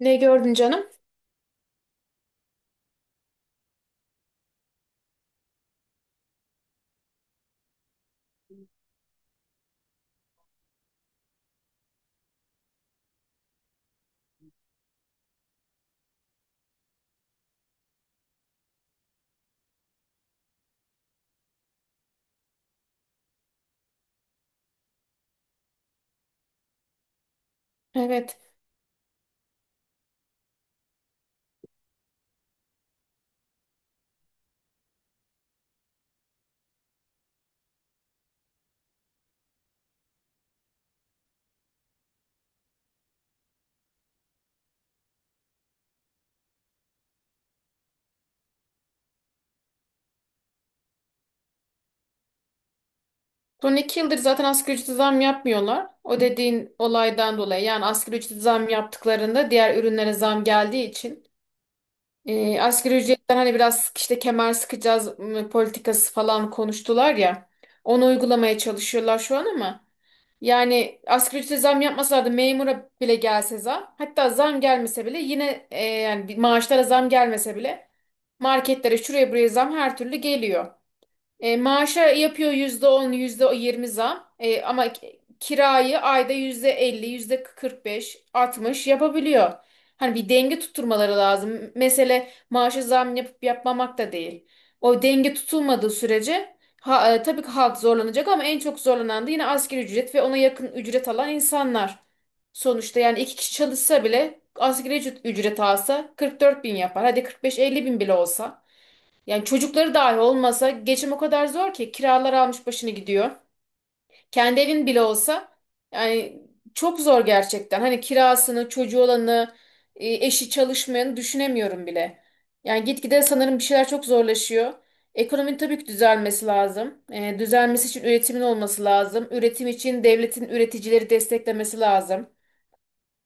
Ne gördün canım? Evet. Son iki yıldır zaten asgari ücrete zam yapmıyorlar. O dediğin olaydan dolayı yani asgari ücrete zam yaptıklarında diğer ürünlere zam geldiği için asgari ücretten hani biraz işte kemer sıkacağız, politikası falan konuştular ya. Onu uygulamaya çalışıyorlar şu an ama yani asgari ücrete zam yapmasalardı memura bile gelse zam, hatta zam gelmese bile yine, yani bir maaşlara zam gelmese bile marketlere şuraya buraya zam her türlü geliyor. Maaşa yapıyor yüzde %20 zam. Kirayı ayda yüzde elli, yüzde kırk beş, 60 yapabiliyor. Hani bir denge tutturmaları lazım. Mesele maaşa zam yapıp yapmamak da değil. O denge tutulmadığı sürece, tabii ki halk zorlanacak, ama en çok zorlanan da yine asgari ücret ve ona yakın ücret alan insanlar. Sonuçta yani iki kişi çalışsa bile asgari ücret alsa 44.000 yapar. Hadi kırk beş, 50.000 bile olsa. Yani çocukları dahi olmasa geçim o kadar zor ki kiralar almış başını gidiyor. Kendi evin bile olsa yani çok zor gerçekten. Hani kirasını, çocuğu olanı, eşi çalışmayanı düşünemiyorum bile. Yani gitgide sanırım bir şeyler çok zorlaşıyor. Ekonominin tabii ki düzelmesi lazım. Düzelmesi için üretimin olması lazım. Üretim için devletin üreticileri desteklemesi lazım.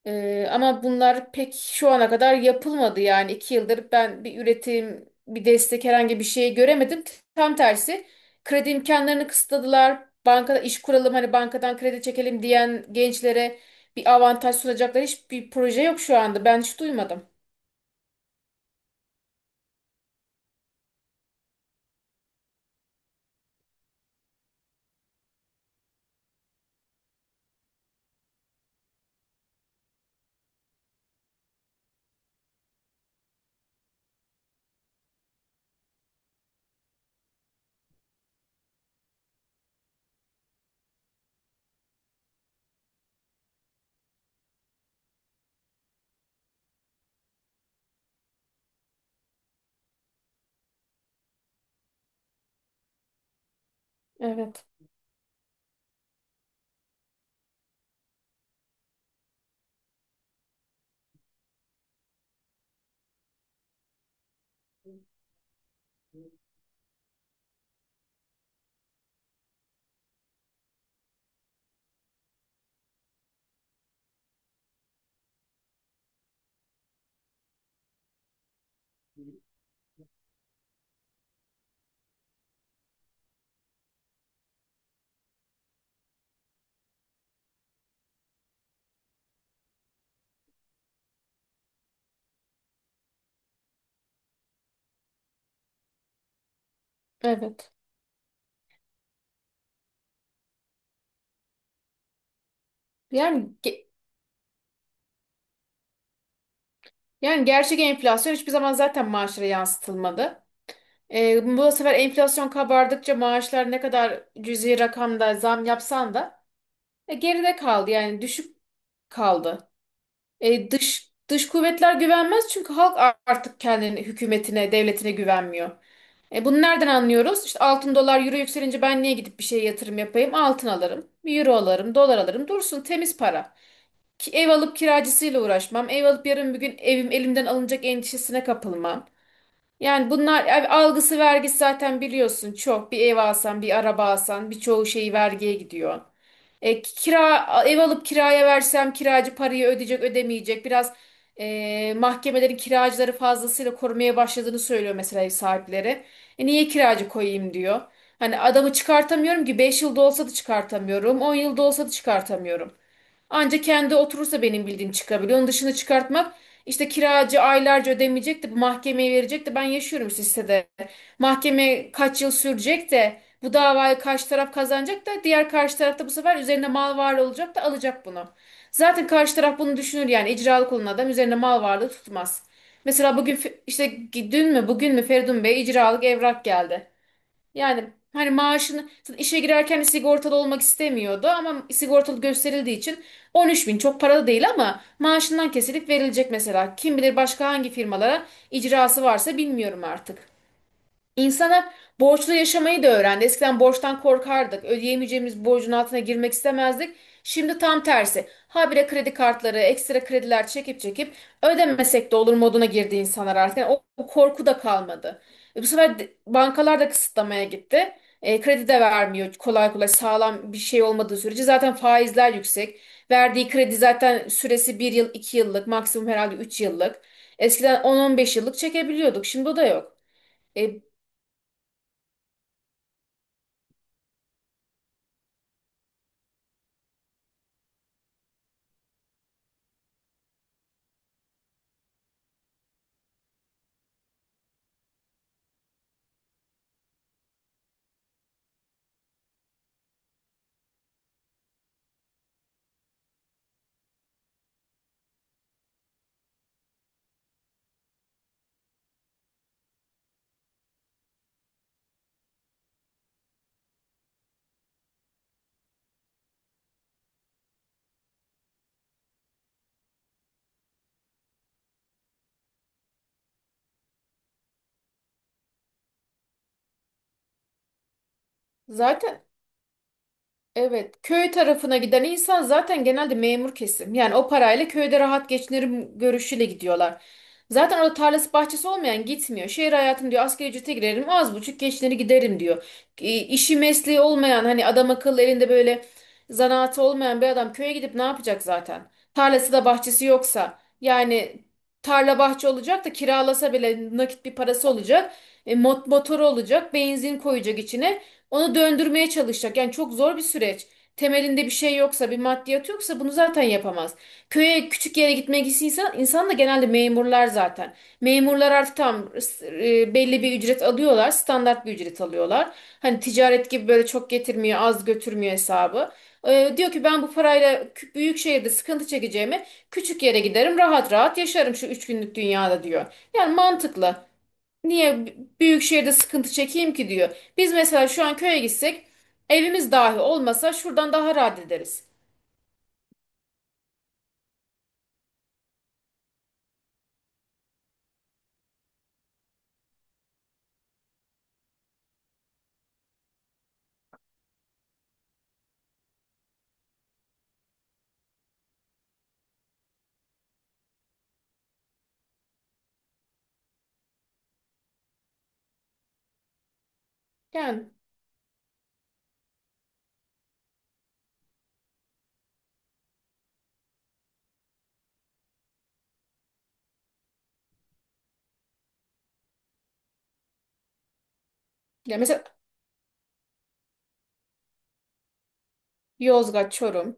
Ama bunlar pek şu ana kadar yapılmadı yani iki yıldır ben bir üretim, bir destek, herhangi bir şey göremedim. Tam tersi, kredi imkanlarını kısıtladılar. Bankada iş kuralım, hani bankadan kredi çekelim diyen gençlere bir avantaj sunacaklar hiçbir proje yok şu anda. Ben hiç duymadım. Evet, evet. Yani ge- yani gerçek enflasyon hiçbir zaman zaten maaşlara yansıtılmadı. Bu sefer enflasyon kabardıkça maaşlar, ne kadar cüzi rakamda zam yapsan da geride kaldı, yani düşük kaldı. Dış kuvvetler güvenmez çünkü halk, artık kendini hükümetine, devletine güvenmiyor. Bunu nereden anlıyoruz? İşte altın, dolar, euro yükselince ben niye gidip bir şeye yatırım yapayım? Altın alırım, bir euro alırım, dolar alırım. Dursun temiz para. Ki ev alıp kiracısıyla uğraşmam. Ev alıp yarın bir gün evim elimden alınacak endişesine kapılmam. Yani bunlar yani algısı, vergisi, zaten biliyorsun çok. Bir ev alsan, bir araba alsan, birçoğu şey vergiye gidiyor. Kira ev alıp kiraya versem kiracı parayı ödeyecek, ödemeyecek. Biraz mahkemelerin kiracıları fazlasıyla korumaya başladığını söylüyor mesela ev sahipleri. Niye kiracı koyayım diyor. Hani adamı çıkartamıyorum ki, 5 yılda olsa da çıkartamıyorum, 10 yılda olsa da çıkartamıyorum. Anca kendi oturursa benim bildiğim çıkabiliyor. Onun dışını çıkartmak, işte kiracı aylarca ödemeyecek de, mahkemeye verecek de, ben yaşıyorum işte sitede. Mahkeme kaç yıl sürecek de bu davayı karşı taraf kazanacak da, diğer karşı taraf da bu sefer üzerine mal varlığı olacak da alacak bunu. Zaten karşı taraf bunu düşünür, yani icralık olan adam üzerine mal varlığı tutmaz. Mesela bugün, işte dün mü bugün mü, Feridun Bey icralık evrak geldi. Yani hani maaşını, zaten işe girerken sigortalı olmak istemiyordu ama sigortalı gösterildiği için, 13 bin çok paralı değil ama maaşından kesilip verilecek mesela. Kim bilir başka hangi firmalara icrası varsa, bilmiyorum artık. İnsanlar borçlu yaşamayı da öğrendi. Eskiden borçtan korkardık. Ödeyemeyeceğimiz borcun altına girmek istemezdik. Şimdi tam tersi. Habire kredi kartları, ekstra krediler çekip çekip ödemesek de olur moduna girdi insanlar artık. Yani o korku da kalmadı. Bu sefer bankalar da kısıtlamaya gitti. Kredi de vermiyor kolay kolay, sağlam bir şey olmadığı sürece. Zaten faizler yüksek. Verdiği kredi zaten süresi bir yıl, 2 yıllık, maksimum herhalde 3 yıllık. Eskiden 10-15 yıllık çekebiliyorduk. Şimdi o da yok. E, Zaten evet, köy tarafına giden insan zaten genelde memur kesim. Yani o parayla köyde rahat geçinirim görüşüyle gidiyorlar. Zaten orada tarlası, bahçesi olmayan gitmiyor. Şehir hayatım diyor, asgari ücrete girerim, az buçuk geçinir giderim diyor. E, işi mesleği olmayan, hani adam akıllı elinde böyle zanaatı olmayan bir adam köye gidip ne yapacak zaten? Tarlası da bahçesi yoksa, yani tarla bahçe olacak da, kiralasa bile nakit bir parası olacak. Motoru olacak, benzin koyacak içine. Onu döndürmeye çalışacak. Yani çok zor bir süreç. Temelinde bir şey yoksa, bir maddiyat yoksa, bunu zaten yapamaz. Köye, küçük yere gitmek istiyorsa insan, da genelde memurlar zaten. Memurlar artık tam, belli bir ücret alıyorlar, standart bir ücret alıyorlar. Hani ticaret gibi böyle çok getirmiyor, az götürmüyor hesabı. Diyor ki ben bu parayla, büyük şehirde sıkıntı çekeceğime küçük yere giderim, rahat rahat yaşarım şu üç günlük dünyada diyor. Yani mantıklı. Niye büyük şehirde sıkıntı çekeyim ki diyor. Biz mesela şu an köye gitsek, evimiz dahi olmasa şuradan daha rahat ederiz. Yani, ya mesela Yozgat, Çorum.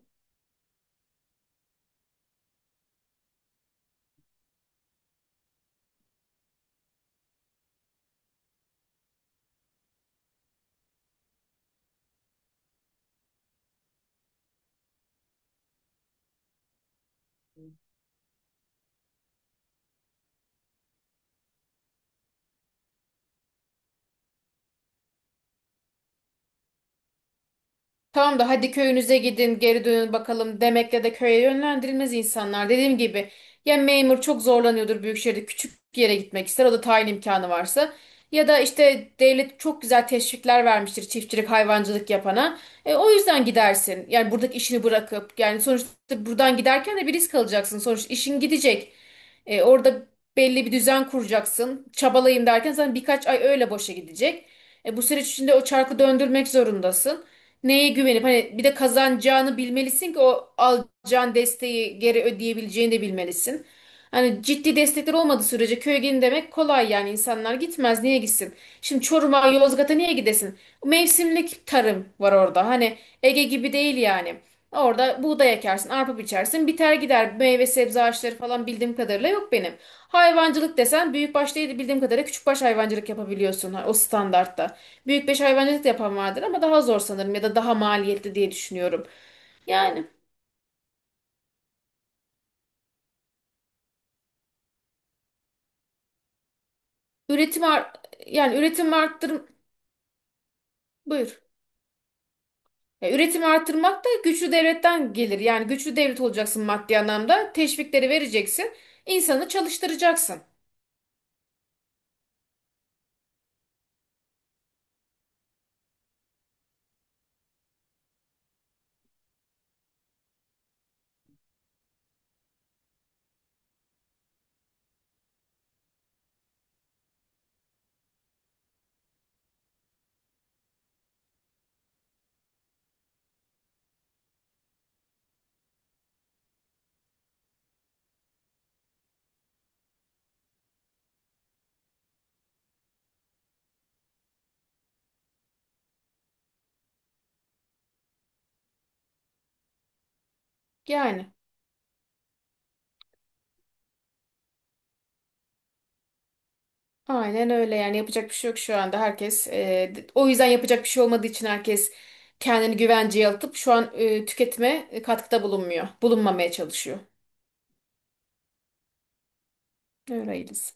Tamam da, hadi köyünüze gidin, geri dönün bakalım demekle de köye yönlendirilmez insanlar. Dediğim gibi, ya memur çok zorlanıyordur büyük şehirde, küçük bir yere gitmek ister, o da tayin imkanı varsa. Ya da işte devlet çok güzel teşvikler vermiştir çiftçilik hayvancılık yapana. O yüzden gidersin, yani buradaki işini bırakıp, yani sonuçta buradan giderken de bir risk alacaksın. Sonuçta işin gidecek. Orada belli bir düzen kuracaksın. Çabalayayım derken zaten birkaç ay öyle boşa gidecek. Bu süreç içinde o çarkı döndürmek zorundasın, neye güvenip, hani bir de kazanacağını bilmelisin ki o alacağın desteği geri ödeyebileceğini de bilmelisin. Hani ciddi destekler olmadığı sürece köye gidin demek kolay, yani insanlar gitmez, niye gitsin? Şimdi Çorum'a, Yozgat'a niye gidesin? Mevsimlik tarım var orada, hani Ege gibi değil yani. Orada buğday ekersin, arpa biçersin, biter gider. Meyve sebze ağaçları falan bildiğim kadarıyla yok benim. Hayvancılık desen büyükbaş değil de, bildiğim kadarıyla küçükbaş hayvancılık yapabiliyorsun, o standartta. Büyük beş hayvancılık da yapan vardır ama daha zor sanırım, ya da daha maliyetli diye düşünüyorum. Yani üretim ar- Yani üretim arttır, buyur. Ya, üretimi arttırmak da güçlü devletten gelir. Yani güçlü devlet olacaksın maddi anlamda. Teşvikleri vereceksin, insanı çalıştıracaksın. Yani aynen öyle, yani yapacak bir şey yok şu anda. Herkes, o yüzden yapacak bir şey olmadığı için herkes kendini güvenceye atıp şu an tüketime, katkıda bulunmuyor. Bulunmamaya çalışıyor. Öyleyiz.